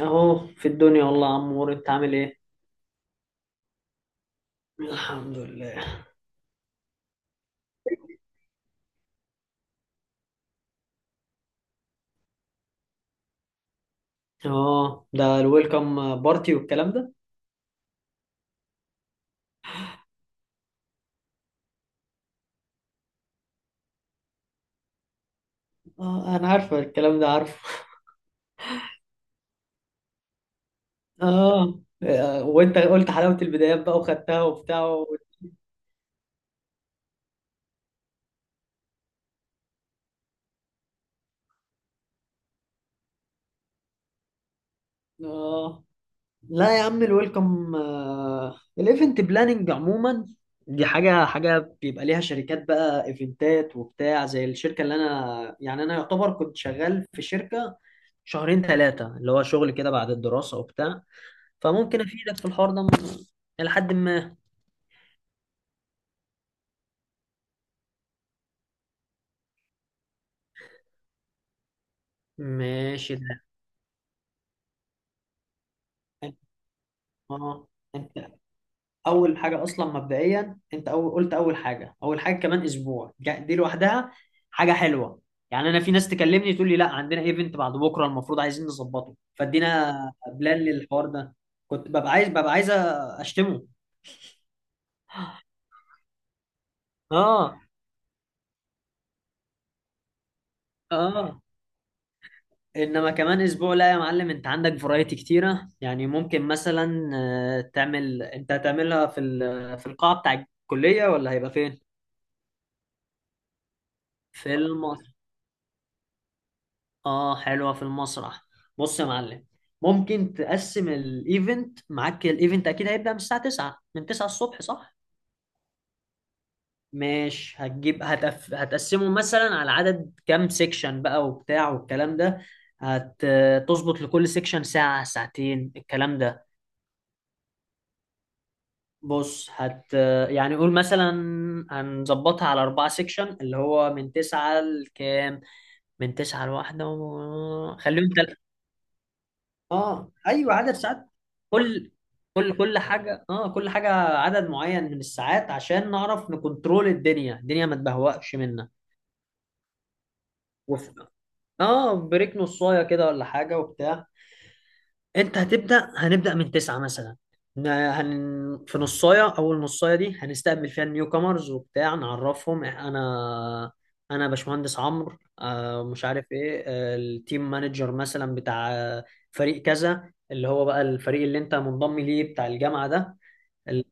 اهو في الدنيا والله يا عمور، انت عامل ايه؟ الحمد لله. اه، ده الويلكم بارتي والكلام ده. اه انا عارفه الكلام ده، عارفه. اه. وانت قلت حلاوه البدايات بقى وخدتها وبتاع و... اه. لا يا عم الويلكم، الايفنت بلاننج عموما دي حاجه حاجه بيبقى ليها شركات بقى ايفنتات وبتاع، زي الشركه اللي انا يعني انا يعتبر كنت شغال في شركه شهرين ثلاثه، اللي هو شغل كده بعد الدراسه وبتاع. فممكن افيدك في الحوار ده الى حد ما. ماشي ده. انت اه انت اول حاجه اصلا مبدئيا، انت أول قلت اول حاجه كمان اسبوع دي لوحدها حاجه حلوه. يعني انا في ناس تكلمني تقول لي لا عندنا ايفنت بعد بكره المفروض عايزين نظبطه، فادينا بلان للحوار ده. كنت ببقى عايز، ببقى عايز اشتمه. اه. اه. انما كمان اسبوع لا يا معلم، انت عندك فرايتي كتيره. يعني ممكن مثلا تعمل، انت هتعملها في في القاعه بتاع الكليه ولا هيبقى فين؟ في المسرح. اه حلوه في المسرح. بص يا معلم، ممكن تقسم الايفنت معاك. الايفنت اكيد هيبدا من الساعه 9، من 9 الصبح صح؟ مش هتجيب هتف... هتقسمه مثلا على عدد كام سيكشن بقى وبتاع والكلام ده. هتظبط لكل سيكشن ساعه ساعتين الكلام ده. بص هت يعني قول مثلا هنظبطها على 4 سيكشن، اللي هو من تسعة لكام؟ من 9 لـ1 و... خليهم اه أيوة، عدد ساعات. كل كل حاجة، اه كل حاجة، عدد معين من الساعات عشان نعرف نكنترول الدنيا. الدنيا ما تبهوأش منا. وف... اه بريك نصاية كده ولا حاجة وبتاع. انت هتبدأ هنبدأ من 9 مثلا. في نصاية، أول نصاية دي هنستقبل فيها النيو كامرز وبتاع، نعرفهم أنا، أنا باشمهندس عمرو، مش عارف إيه، التيم مانجر مثلا بتاع فريق كذا، اللي هو بقى الفريق اللي أنت منضم ليه بتاع الجامعة ده. ال-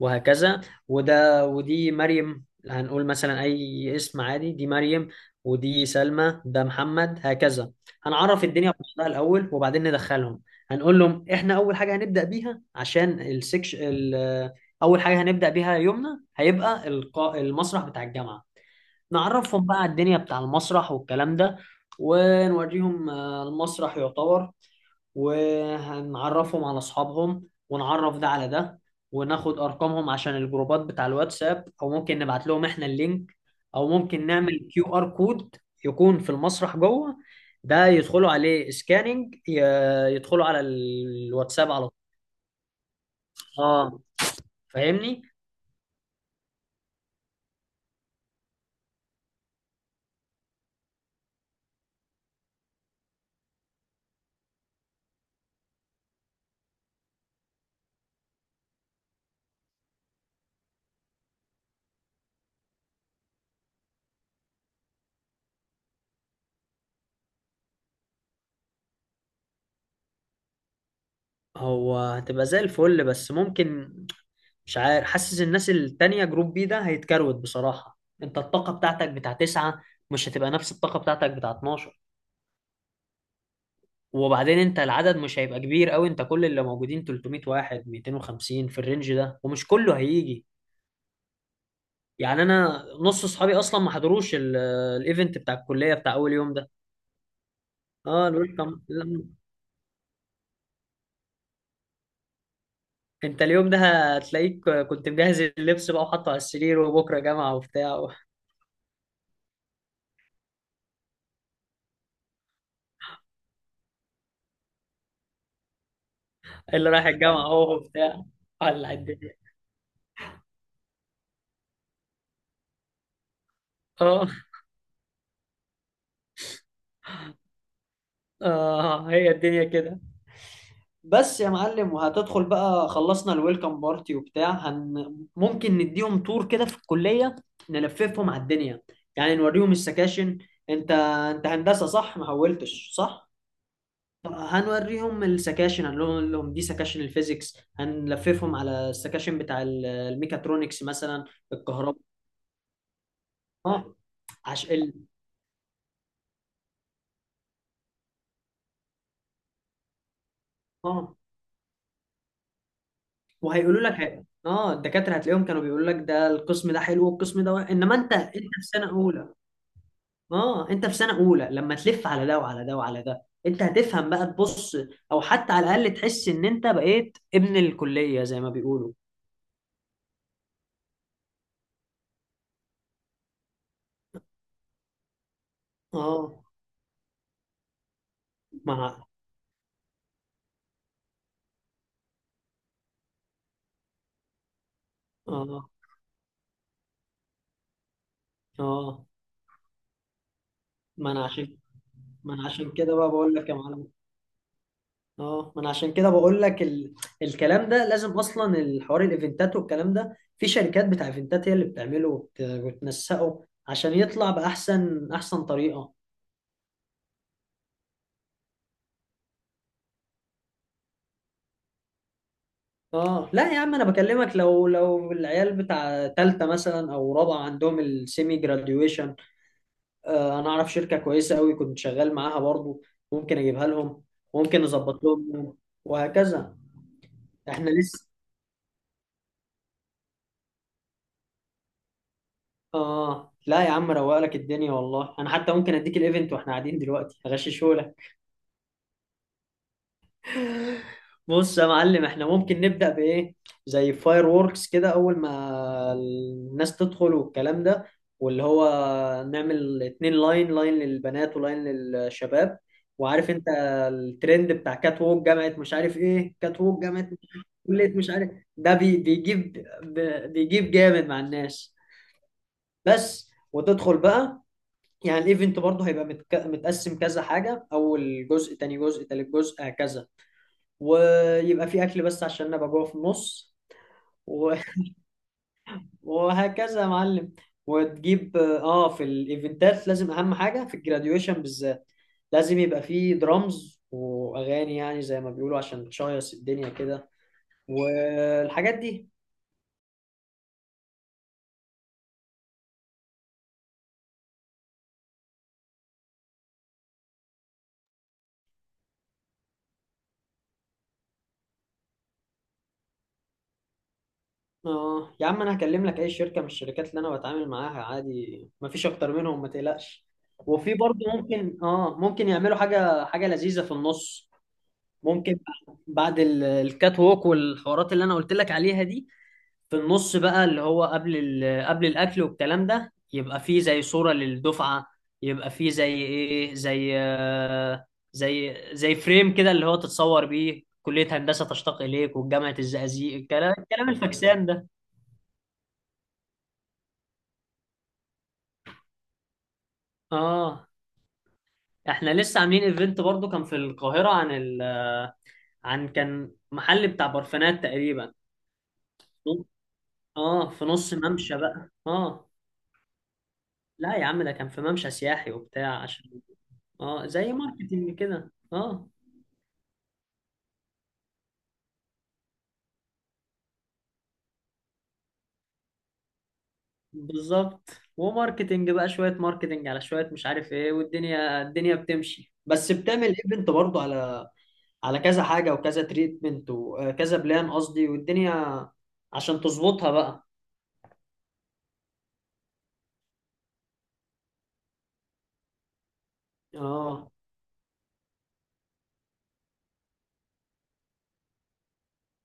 وهكذا. ودي مريم، هنقول مثلا أي اسم عادي، دي مريم، ودي سلمى، ده محمد، هكذا. هنعرف الدنيا بنفسها الأول وبعدين ندخلهم. هنقول لهم إحنا أول حاجة هنبدأ بيها عشان أول حاجة هنبدأ بيها يومنا هيبقى المسرح بتاع الجامعة. نعرفهم بقى على الدنيا بتاع المسرح والكلام ده، ونوريهم المسرح يعتبر، ونعرفهم على اصحابهم، ونعرف ده على ده، وناخد ارقامهم عشان الجروبات بتاع الواتساب، او ممكن نبعت لهم احنا اللينك، او ممكن نعمل كيو ار كود يكون في المسرح جوه، ده يدخلوا عليه سكاننج، يدخلوا على الواتساب على طول. اه فاهمني. هو هتبقى زي الفل، بس ممكن، مش عارف، حاسس الناس التانية جروب بي ده هيتكروت بصراحة. انت الطاقة بتاعتك بتاع تسعة مش هتبقى نفس الطاقة بتاعتك بتاع 12. وبعدين انت العدد مش هيبقى كبير قوي، انت كل اللي موجودين 300 واحد 250 في الرينج ده، ومش كله هيجي. يعني انا نص اصحابي اصلا ما حضروش الايفنت بتاع الكليه بتاع اول يوم ده. اه الويلكم، لا، انت اليوم ده هتلاقيك كنت مجهز اللبس بقى وحاطه على السرير، وبكره جامعه وبتاع، اللي رايح الجامعه اهو وبتاع. ولا الدنيا. اه. اه هي الدنيا كده. بس يا معلم، وهتدخل بقى خلصنا الويلكم بارتي وبتاع، ممكن نديهم تور كده في الكلية، نلففهم على الدنيا، يعني نوريهم السكاشن. انت هندسة صح، ما حولتش صح؟ طب هنوريهم السكاشن، هنقول لهم دي سكاشن الفيزيكس، هنلففهم على السكاشن بتاع الميكاترونكس مثلا، الكهرباء. اه. عش ال... اه وهيقولوا لك اه الدكاترة، هتلاقيهم كانوا بيقولوا لك ده القسم ده حلو والقسم ده وحش. انما انت، في سنة اولى، اه انت في سنه اولى، لما تلف على ده وعلى ده وعلى ده انت هتفهم بقى تبص، او حتى على الاقل تحس ان انت بقيت ابن الكليه زي ما بيقولوا. اه. مع اه. اه. ما انا عشان ما انا عشان كده بقى بقول لك يا معلم، اه ما انا عشان كده بقول لك الكلام ده لازم اصلا، الحوار الايفنتات والكلام ده في شركات بتاع ايفنتات هي اللي بتعمله وتنسقه عشان يطلع باحسن طريقه. اه لا يا عم، انا بكلمك لو العيال بتاع تالتة مثلا او رابعة عندهم السيمي جراديويشن، آه انا اعرف شركة كويسة قوي كنت شغال معاها برضو، ممكن اجيبها لهم، ممكن نظبط لهم يوم، وهكذا. احنا لسه. اه لا يا عم روق لك الدنيا، والله انا حتى ممكن اديك الايفنت واحنا قاعدين دلوقتي هغششه. بص يا معلم، احنا ممكن نبدأ بإيه؟ زي فاير ووركس كده أول ما الناس تدخل والكلام ده، واللي هو نعمل 2 لاين، لاين للبنات ولاين للشباب. وعارف انت الترند بتاع كات ووك جامعة، مش عارف ايه، كات ووك جامعة، كلية، مش عارف، ده بي بيجيب بيجيب جامد مع الناس. بس وتدخل بقى، يعني الايفنت برضه هيبقى متقسم كذا حاجة، أول جزء، تاني جزء، تالت جزء، هكذا. ويبقى في اكل بس عشان ابقى جوه في النص. و- وهكذا يا معلم. وتجيب اه في الايفنتات لازم اهم حاجه في الجراديويشن بالذات، لازم يبقى في درامز واغاني يعني زي ما بيقولوا عشان تشيص الدنيا كده والحاجات دي. اه يا عم انا هكلم لك اي شركه من الشركات اللي انا بتعامل معاها عادي، مفيش اكتر منهم ما تقلقش. وفي برضه ممكن، ممكن يعملوا حاجه حاجه لذيذه في النص. ممكن بعد الكات ووك والحوارات اللي انا قلت لك عليها دي، في النص بقى اللي هو قبل قبل الاكل والكلام ده، يبقى فيه زي صورة للدفعة، يبقى فيه زي ايه، زي فريم كده اللي هو تتصور بيه كلية هندسة تشتاق اليك وجامعة الزقازيق، الكلام الفاكسان ده. اه. احنا لسه عاملين ايفنت برضو كان في القاهرة عن ال آه، كان محل بتاع برفانات تقريبا. اه في نص ممشى بقى اه. لا يا عم ده كان في ممشى سياحي وبتاع عشان، اه زي ماركتينج كده اه. بالظبط. وماركتينج بقى، شوية ماركتينج على شوية مش عارف ايه، والدنيا الدنيا بتمشي، بس بتعمل ايفنت برضه على على كذا حاجة وكذا تريتمنت وكذا بلان قصدي، والدنيا عشان تظبطها بقى. اه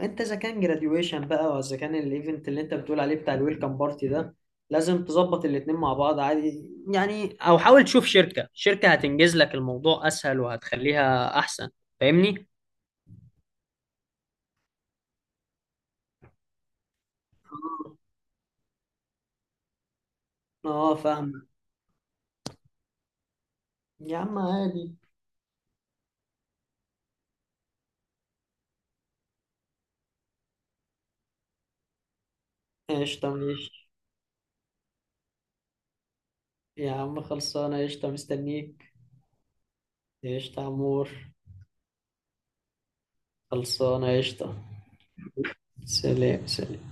انت اذا كان جراديويشن بقى، واذا كان الايفنت اللي انت بتقول عليه بتاع الويلكم بارتي ده، لازم تظبط الاتنين مع بعض عادي يعني، او حاول تشوف شركة، شركة هتنجز لك الموضوع اسهل وهتخليها احسن. فاهمني. اه فاهم. يا عم عادي. قشطة ماشي. يا عم خلصانة قشطة، مستنيك. قشطة يا عمور. خلصانة قشطة. سلام سلام.